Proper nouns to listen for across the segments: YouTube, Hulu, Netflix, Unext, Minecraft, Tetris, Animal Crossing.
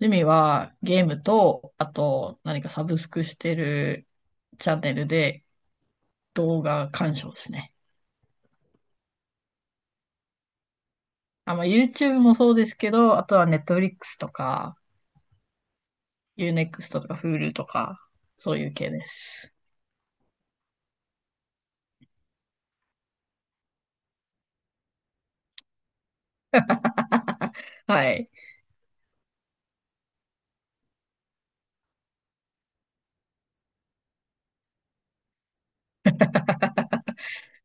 趣味はゲームと、あと何かサブスクしてるチャンネルで動画鑑賞ですね。あ、まあ YouTube もそうですけど、あとは Netflix とか、Unext とか Hulu とか、そういう系です。はい。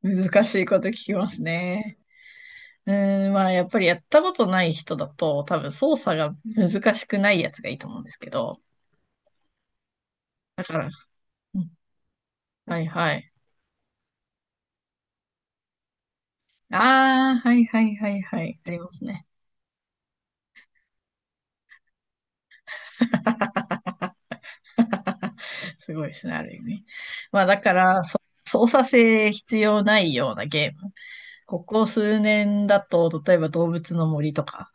難しいこと聞きますね。まあやっぱりやったことない人だと、多分操作が難しくないやつがいいと思うんですけど。だから、うん、はいはい。ああ、はいはいはいはい。ありますね。すごいですね、ある意味。まあだから、操作性必要ないようなゲーム。ここ数年だと、例えば動物の森とか、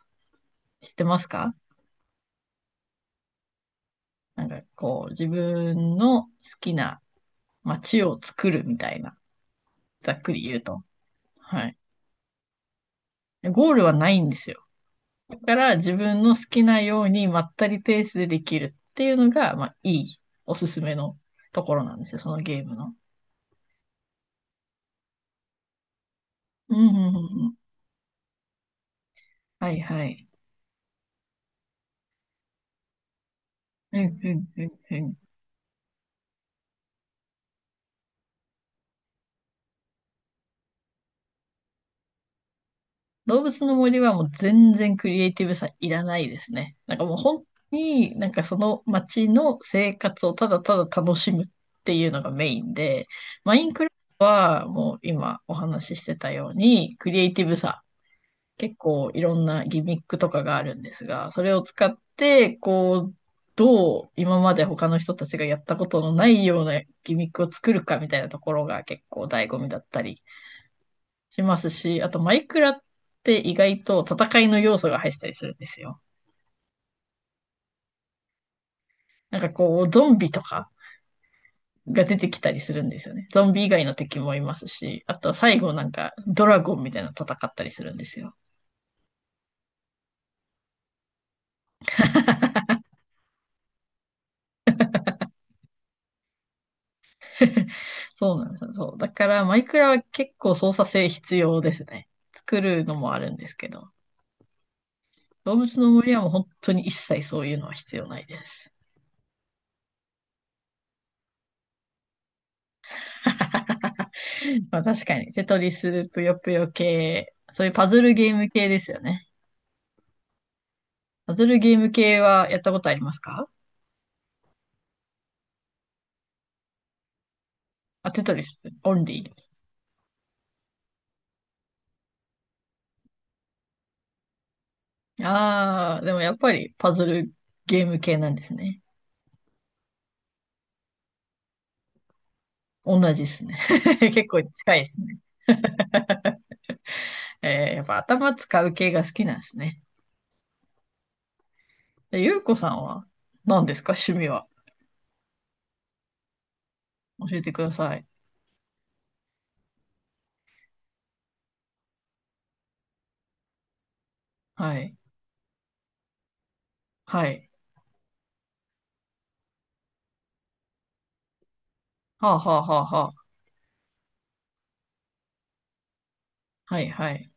知ってますか？なんかこう、自分の好きな街を作るみたいな、ざっくり言うと。はい。ゴールはないんですよ。だから自分の好きなようにまったりペースでできるっていうのが、まあいいおすすめのところなんですよ、そのゲームの。うん、うん、うん。うん、はい、はい。うん、うん、うん、うん。動物の森はもう全然クリエイティブさいらないですね。もう本当にその街の生活をただただ楽しむっていうのがメインで、マインクラフトはもう今お話ししてたようにクリエイティブさ、結構いろんなギミックとかがあるんですが、それを使ってこう、どう今まで他の人たちがやったことのないようなギミックを作るかみたいなところが結構醍醐味だったりしますし、あとマイクラって意外と戦いの要素が入ったりするんですよ。なんかこう、ゾンビとかが出てきたりするんですよね。ゾンビ以外の敵もいますし、あとは最後なんかドラゴンみたいなの戦ったりするんですよ。そうなんですよ。そう。だからマイクラは結構操作性必要ですね。作るのもあるんですけど。動物の森はもう本当に一切そういうのは必要ないです。まあ確かに、テトリス、ぷよぷよ系、そういうパズルゲーム系ですよね。パズルゲーム系はやったことありますか？あ、テトリス、オンリー。ああ、でもやっぱりパズルゲーム系なんですね。同じですね。結構近いですね。やっぱ頭使う系が好きなんですね。でゆうこさんは何ですか趣味は。教えてください。はい。はい。はあはあはあはあ。はいはい。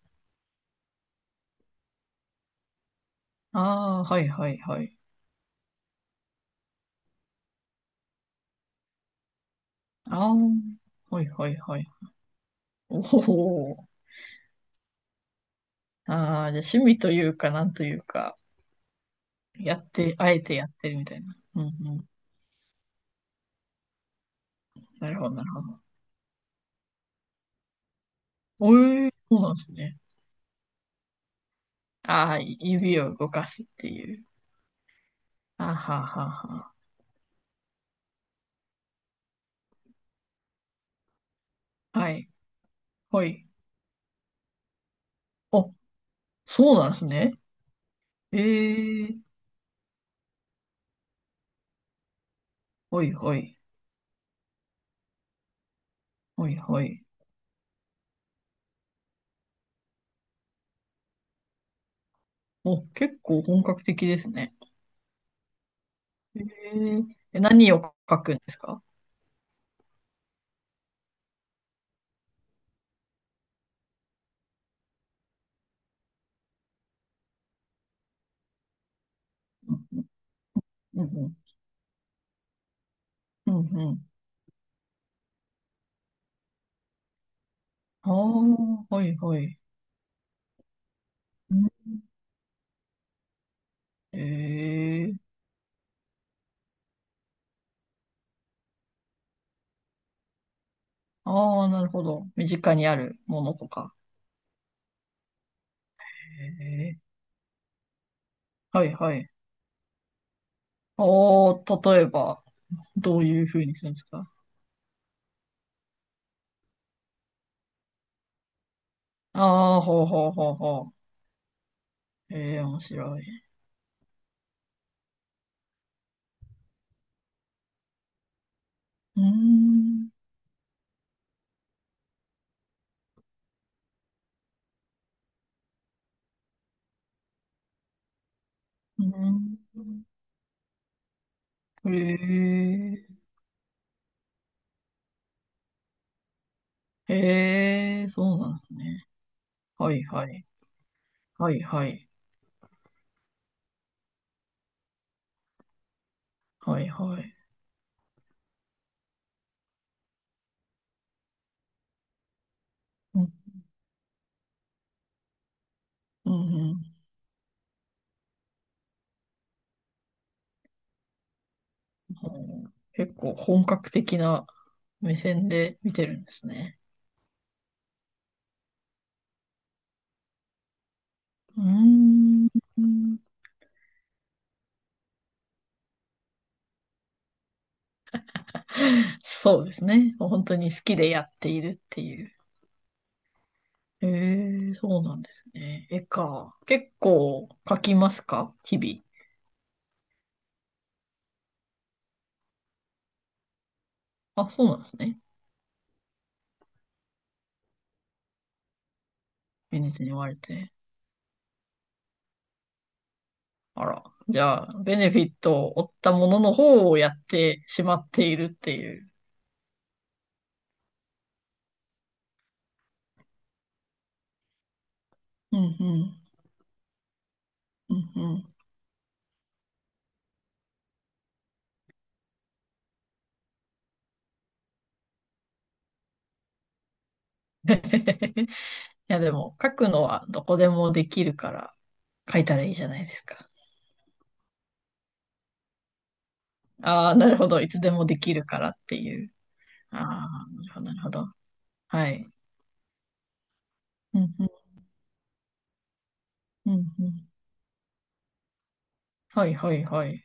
ああ、はいはいはい。ああ、はいはいはい。おお。ああ、じゃあ趣味というか、なんというか。やって、あえてやってるみたいな。うんうん。なるほど、なるほど。おえー、そうなんですね。ああ、指を動かすっていう。あはははは。はい、ほい。お、そうなんですね。ええ、ほいほい、ほいほい。お、結構本格的ですね。え何を書くんですか？うんうん、うんうん。うんうん。ああー、はいはい。うん、ええ、ああ、なるほど。身近にあるものとか。ええ、はいはい。おー、例えば、どういう風にするんですか？ああー、ほうほうほうほう。ええ、面白い。うーん、うーん。へえ、へえ、そうなんですね。はいはい。はいはい。はいはい。うん、うん、うん。ほう、結構本格的な目線で見てるんですね。うーん。そうですね。本当に好きでやっているっていう。ええ、そうなんですね。絵か。結構描きますか日々。あ、そうなんですね。ベネツに追われて。あら。じゃあ、ベネフィットを負ったものの方をやってしまっているっていう。うんうん。うんうん。いや、でも、書くのはどこでもできるから、書いたらいいじゃないですか。ああ、なるほど。いつでもできるからっていう。ああ、なるほど、なるほど。はい。うんうんうんうん。はいはいはい。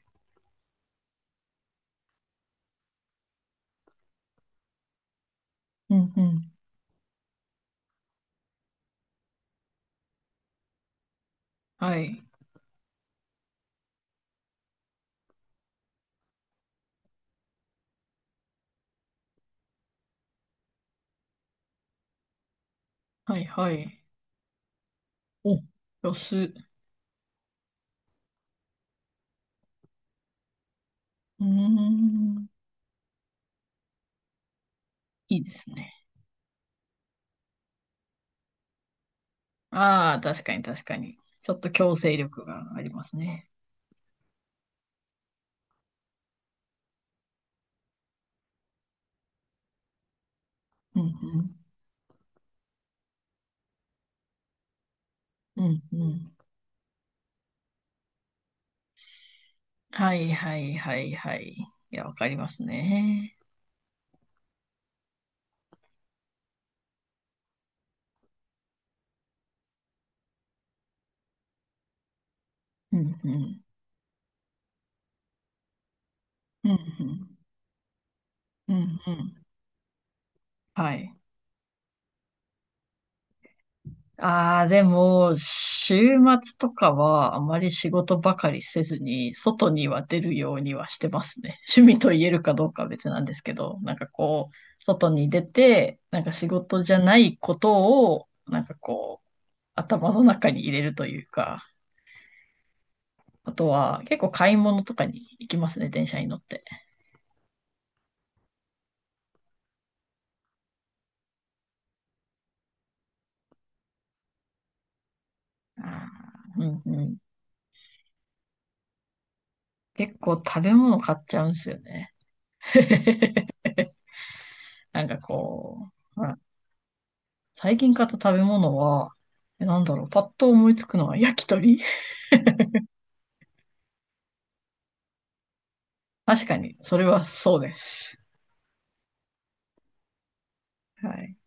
うんうん。はい。はいはい。お、ん、安。うーん。いいですね。ああ、確かに確かに。ちょっと強制力がありますね。うんうん。うんうん。はいはいはいはい。いや、わかりますね。うんうん。うんうん。うんうん。はい。ああ、でも、週末とかはあまり仕事ばかりせずに、外には出るようにはしてますね。趣味と言えるかどうかは別なんですけど、なんかこう、外に出て、なんか仕事じゃないことを、なんかこう、頭の中に入れるというか、あとは結構買い物とかに行きますね、電車に乗って。あーうんうん、結構食べ物買っちゃうんですよね。なんかこう、最近買った食べ物は、なんだろう、パッと思いつくのは焼き鳥 確かに、それはそうです。はい。